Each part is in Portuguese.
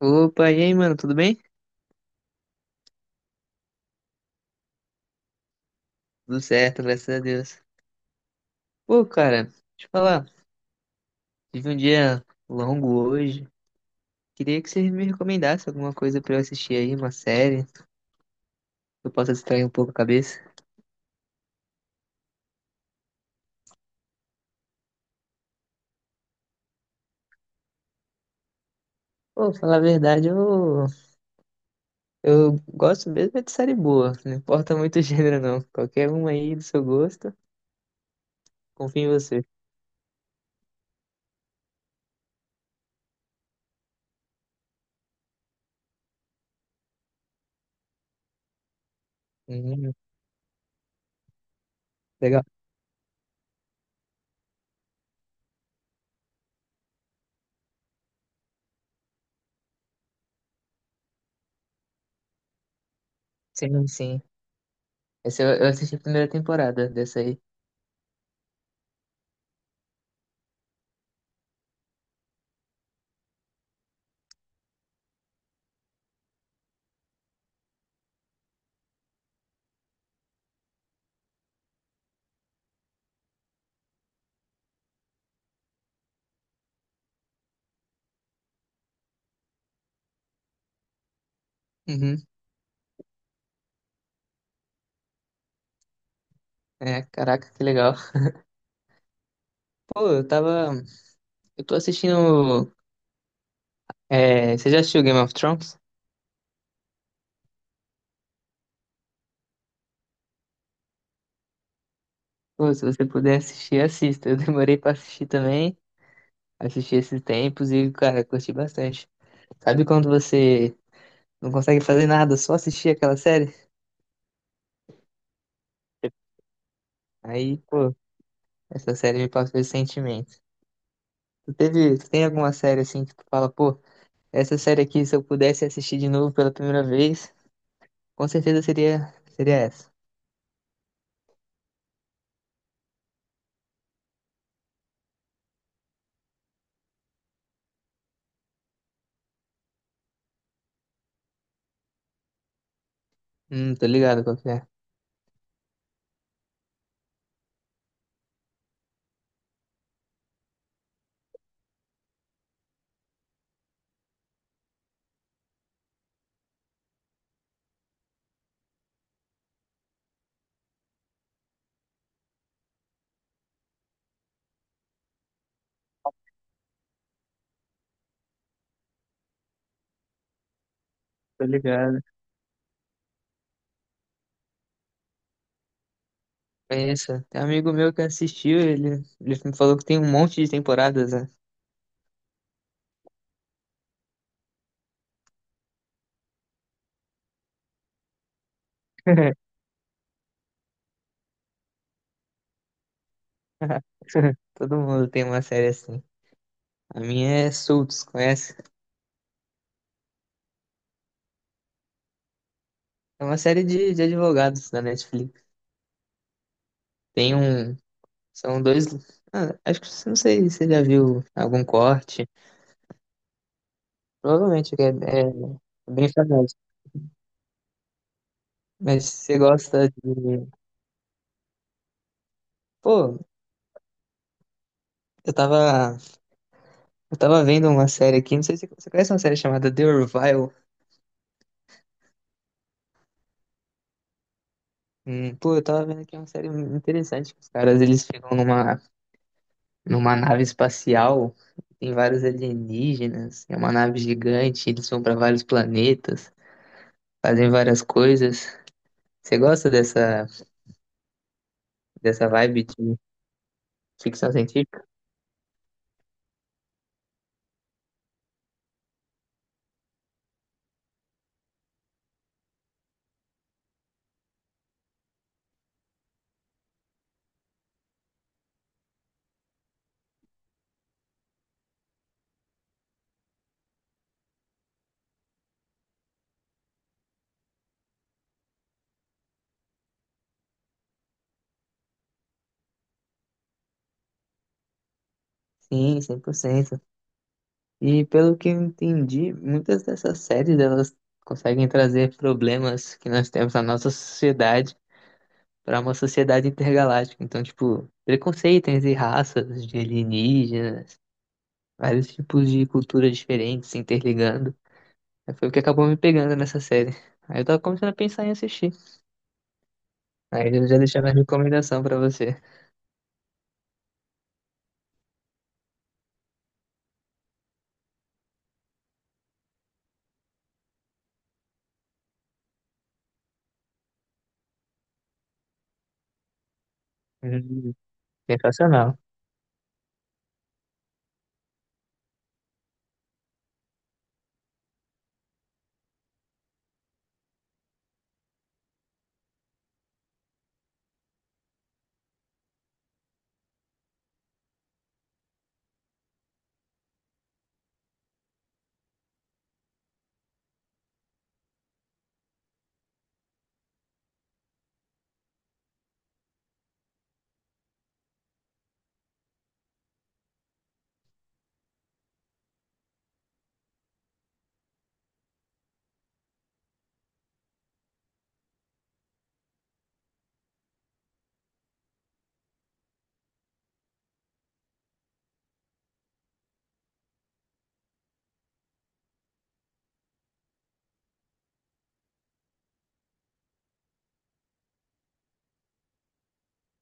Opa, e aí, mano, tudo bem? Tudo certo, graças a Deus. Pô, cara, deixa eu falar, tive um dia longo hoje. Queria que você me recomendasse alguma coisa pra eu assistir aí, uma série, que eu possa distrair um pouco a cabeça. Pô, falar a verdade, eu gosto mesmo é de série boa, não importa muito o gênero, não. Qualquer uma aí do seu gosto, confio em você. Uhum, legal. Sim, sim. Essa eu assisti a primeira temporada dessa aí. Uhum. É, caraca, que legal. Pô, eu tava. Eu tô assistindo. É, você já assistiu Game of Thrones? Pô, se você puder assistir, assista. Eu demorei pra assistir também. Assisti esses tempos e, cara, curti bastante. Sabe quando você não consegue fazer nada, só assistir aquela série? Aí, pô, essa série me passou esse sentimento. Tu teve, tu tem alguma série assim que tu fala, pô, essa série aqui, se eu pudesse assistir de novo pela primeira vez, com certeza seria essa. Tô ligado qual que é. Tô ligado. É isso. Tem um amigo meu que assistiu, ele me falou que tem um monte de temporadas, né? Todo mundo tem uma série assim. A minha é Suits, conhece? É uma série de advogados da Netflix. Tem um. São dois. Ah, acho que não sei se você já viu algum corte. Provavelmente que é bem famoso. Mas você gosta de. Pô, eu tava. Eu tava vendo uma série aqui. Não sei se você conhece uma série chamada The Orville. Pô, eu tava vendo aqui uma série interessante. Que os caras eles ficam numa. Numa nave espacial, tem vários alienígenas, é uma nave gigante, eles vão para vários planetas, fazem várias coisas. Você gosta dessa, dessa vibe de ficção científica? Sim, cem por cento. E pelo que eu entendi, muitas dessas séries elas conseguem trazer problemas que nós temos na nossa sociedade para uma sociedade intergaláctica. Então, tipo, preconceito entre raças de alienígenas, vários tipos de culturas diferentes se interligando. Aí foi o que acabou me pegando nessa série. Aí eu tava começando a pensar em assistir. Aí eu já deixei minha recomendação pra você. Hum, sensacional.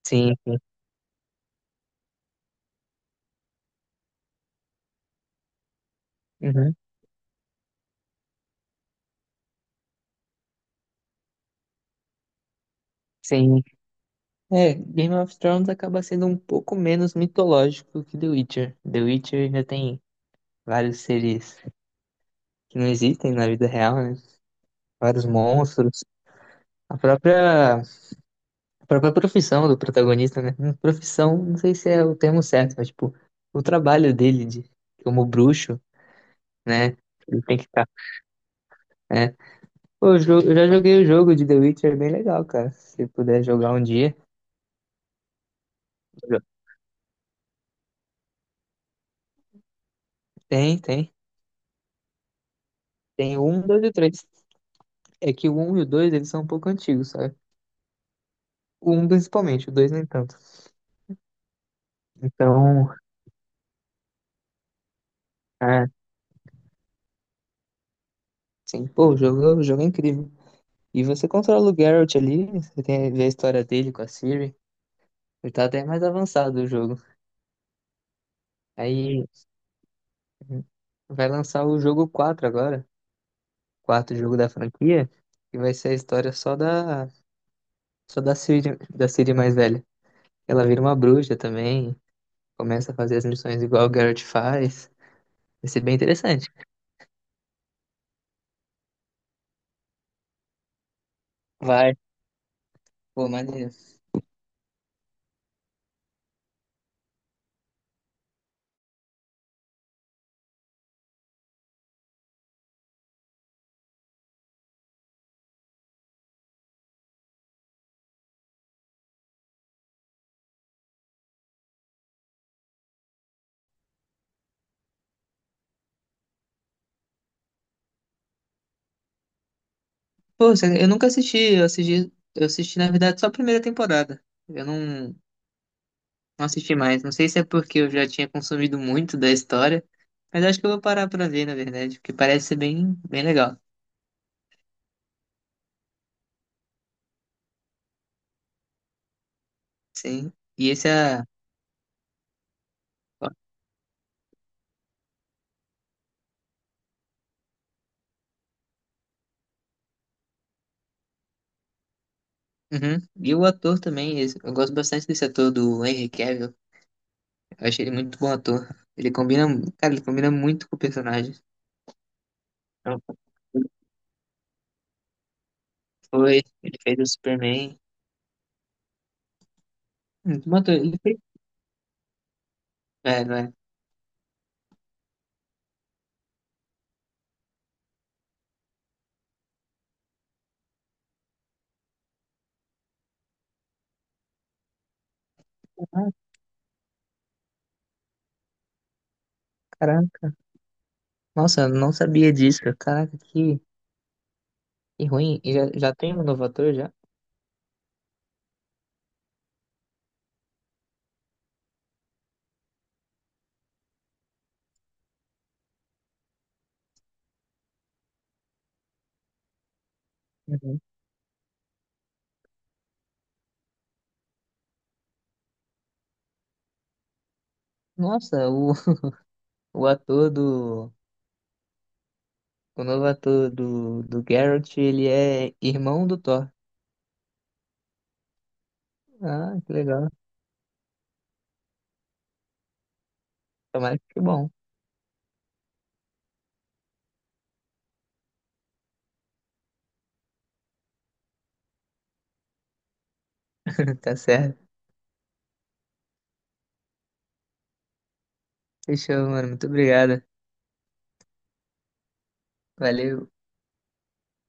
Sim, sim. Uhum, sim. É, Game of Thrones acaba sendo um pouco menos mitológico que The Witcher. The Witcher ainda tem vários seres que não existem na vida real, né? Vários monstros. A própria profissão do protagonista, né? Profissão, não sei se é o termo certo, mas tipo, o trabalho dele de, como bruxo, né? Ele tem que estar. Pô, eu já joguei o jogo de The Witcher, é bem legal, cara. Se puder jogar um dia. Tem, tem. Tem o 1, 2 e o 3. É que o um e o dois eles são um pouco antigos, sabe? O um principalmente, o 2 nem tanto. Então, é, sim. Pô, o jogo é incrível. E você controla o Geralt ali, você tem, vê a história dele com a Ciri. Ele tá até mais avançado o jogo. Aí vai lançar o jogo 4 agora, quarto jogo da franquia, que vai ser a história só da Ciri mais velha. Ela vira uma bruxa também, começa a fazer as missões igual o Garrett faz. Vai ser bem interessante. Vai, pô, maneiro. Pô, eu nunca assisti, eu assisti, na verdade, só a primeira temporada. Eu não, não assisti mais. Não sei se é porque eu já tinha consumido muito da história, mas acho que eu vou parar pra ver, na verdade, porque parece ser bem, bem legal. Sim. E esse é. Uhum. E o ator também, eu gosto bastante desse ator do Henry Cavill. Eu achei ele muito bom ator. Ele combina, cara, ele combina muito com o personagem. Então, ele foi, ele fez o Superman. Mano, ele fez. É, não é? Ah, caraca. Nossa, eu não sabia disso. Caraca, que ruim. E já, já tem um novo ator já? Uhum. Nossa, o ator do. O novo ator do, do Geralt, ele é irmão do Thor. Ah, que legal. Tomara que fique bom. Tá certo. Fechou, mano. Muito obrigado. Valeu.